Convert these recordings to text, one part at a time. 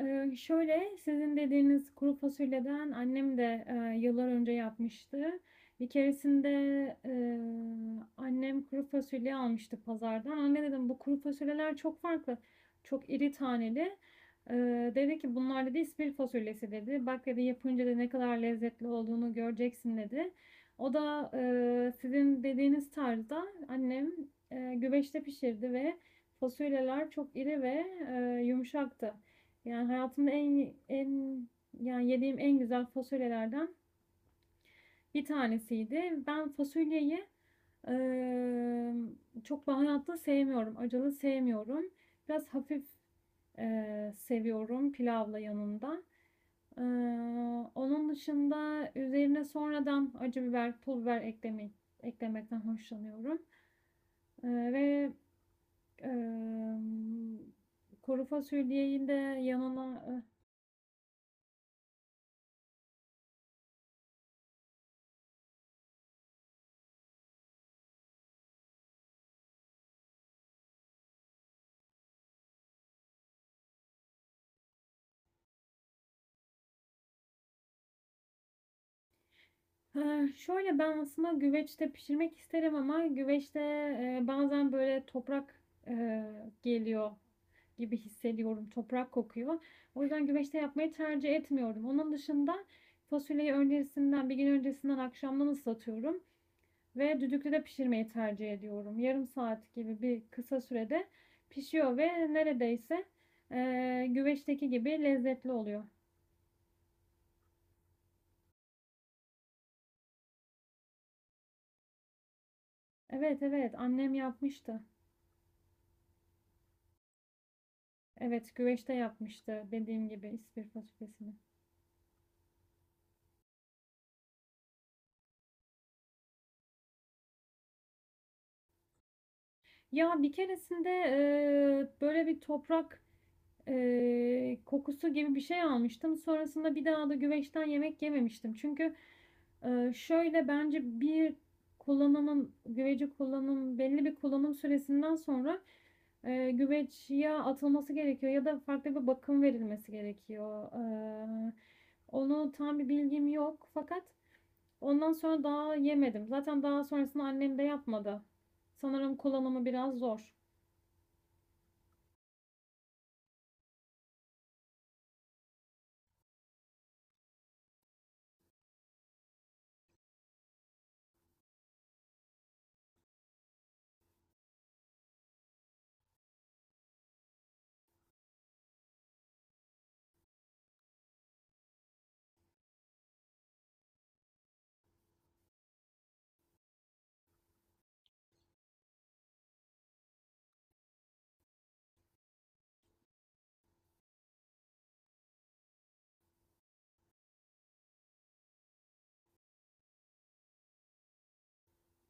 Sizin dediğiniz kuru fasulyeden annem de yıllar önce yapmıştı. Bir keresinde, eee, annem kuru fasulye almıştı pazardan. Anne dedim, bu kuru fasulyeler çok farklı, çok iri taneli. Dedi ki bunlar dedi ispir fasulyesi dedi. Bak dedi yapınca da ne kadar lezzetli olduğunu göreceksin dedi. O da sizin dediğiniz tarzda annem güveçte pişirdi ve fasulyeler çok iri ve yumuşaktı. Yani hayatımda en yani yediğim en güzel fasulyelerden bir tanesiydi. Ben fasulyeyi emm, çok baharatlı sevmiyorum, acılı sevmiyorum. Biraz hafif, seviyorum pilavla yanında. Eee, Onun dışında üzerine sonradan acı biber, pul biber eklemekten hoşlanıyorum. Ve, emm, kuru fasulyeyi de yanına. Ben aslında güveçte pişirmek isterim ama güveçte, bazen böyle toprak, eee, geliyor gibi hissediyorum. Toprak kokuyor. O yüzden güveçte yapmayı tercih etmiyorum. Onun dışında fasulyeyi öncesinden, bir gün öncesinden akşamdan ıslatıyorum ve düdüklüde pişirmeyi tercih ediyorum. Yarım saat gibi bir kısa sürede pişiyor ve neredeyse, güveçteki gibi lezzetli oluyor. Evet, evet, annem yapmıştı. Evet, güveçte yapmıştı dediğim gibi ispir fasulyesini. Ya bir keresinde böyle bir toprak kokusu gibi bir şey almıştım. Sonrasında bir daha da güveçten yemek yememiştim. Çünkü şöyle bence bir kullanımın güveci kullanım belli bir kullanım süresinden sonra güveç ya atılması gerekiyor ya da farklı bir bakım verilmesi gerekiyor. E, Onu tam bir bilgim yok fakat ondan sonra daha yemedim. Zaten daha sonrasında annem de yapmadı. Sanırım kullanımı biraz zor.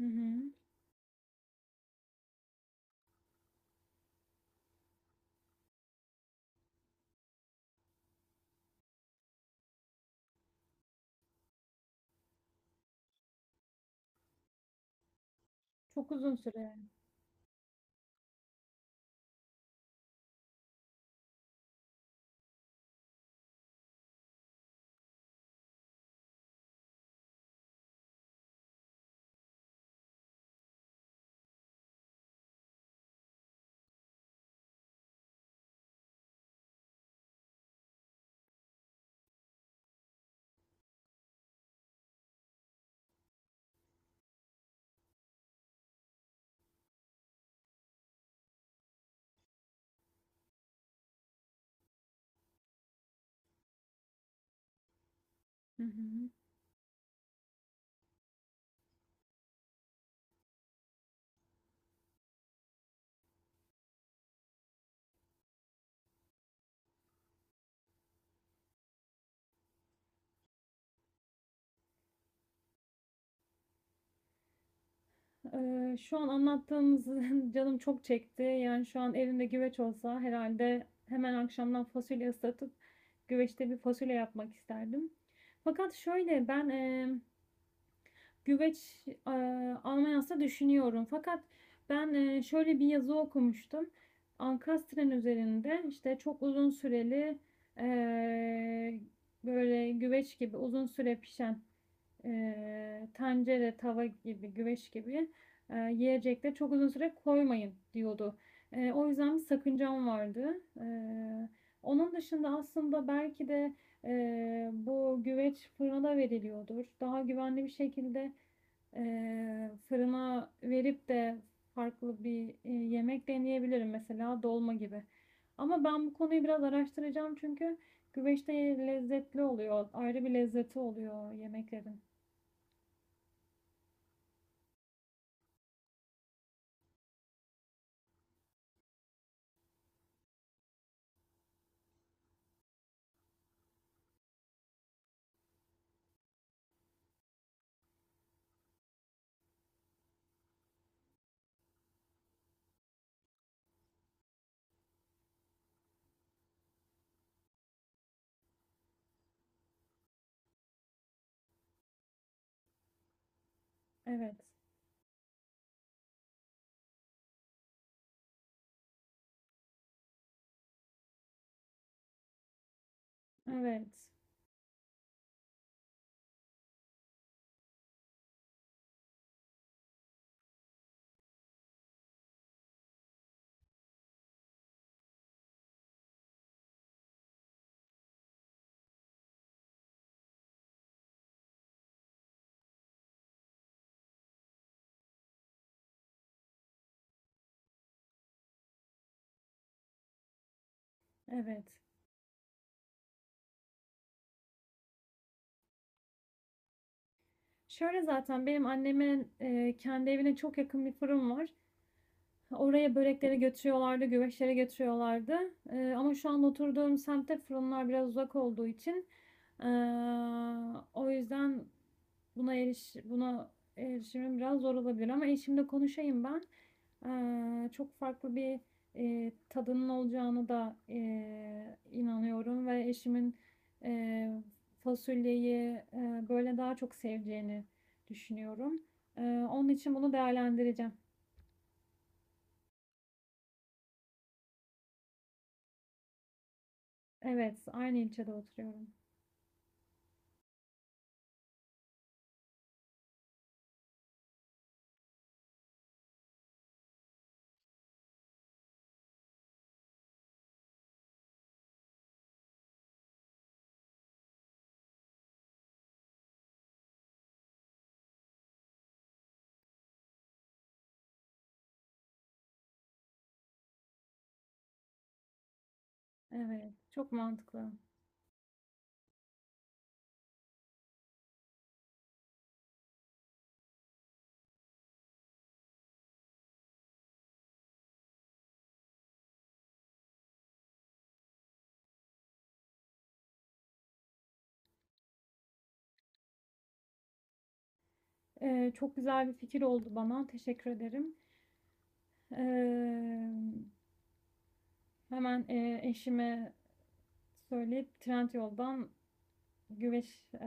Hı hı. Çok uzun süre. Hı hı. Şu an anlattığınız canım çok çekti. Yani şu an elimde güveç olsa herhalde hemen akşamdan fasulye ıslatıp güveçte bir fasulye yapmak isterdim. Fakat şöyle ben güveç e, almayı düşünüyorum. Fakat ben şöyle bir yazı okumuştum. Ankastren üzerinde işte çok uzun süreli e, böyle güveç gibi uzun süre pişen tencere, tava gibi, güveç gibi yiyecekleri çok uzun süre koymayın diyordu. O yüzden bir sakıncam vardı. Onun dışında aslında belki de bu güveç fırına veriliyordur. Daha güvenli bir şekilde e, fırına verip de farklı bir yemek deneyebilirim mesela dolma gibi. Ama ben bu konuyu biraz araştıracağım çünkü güveçte lezzetli oluyor. Ayrı bir lezzeti oluyor yemeklerin. Evet, evet, evet. Şöyle zaten benim annemin kendi evine çok yakın bir fırın var. Oraya börekleri götürüyorlardı, güveçleri götürüyorlardı. Ama şu an oturduğum semtte fırınlar biraz uzak olduğu için ee, o yüzden buna erişimim biraz zor olabilir ama eşimle konuşayım ben. Çok farklı bir e, tadının olacağını da e, inanıyorum ve eşimin e, fasulyeyi böyle daha çok seveceğini düşünüyorum. Ee, Onun için bunu değerlendireceğim. Evet, aynı ilçede oturuyorum. Evet, çok mantıklı. Çok güzel bir fikir oldu bana. Teşekkür ederim. Ee, hemen eşime söyleyip Trendyol'dan güveç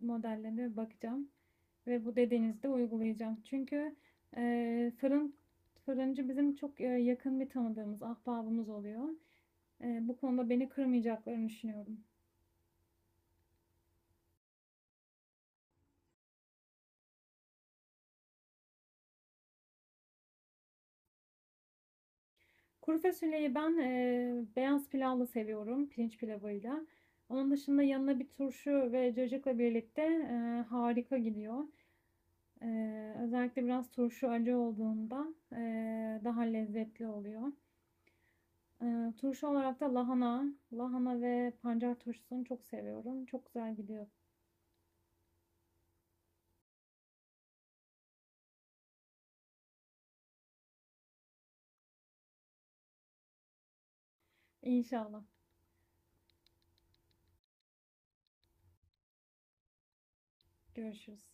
modellerine bakacağım ve bu dediğinizi de uygulayacağım. Çünkü e, fırın fırıncı bizim çok yakın bir tanıdığımız, ahbabımız oluyor. Bu konuda beni kırmayacaklarını düşünüyorum. Kuru fasulyeyi ben beyaz pilavla seviyorum, pirinç pilavıyla. Onun dışında yanına bir turşu ve cacıkla birlikte harika gidiyor. Özellikle biraz turşu acı olduğunda daha lezzetli oluyor. Turşu olarak da lahana ve pancar turşusunu çok seviyorum. Çok güzel gidiyor. İnşallah. Görüşürüz.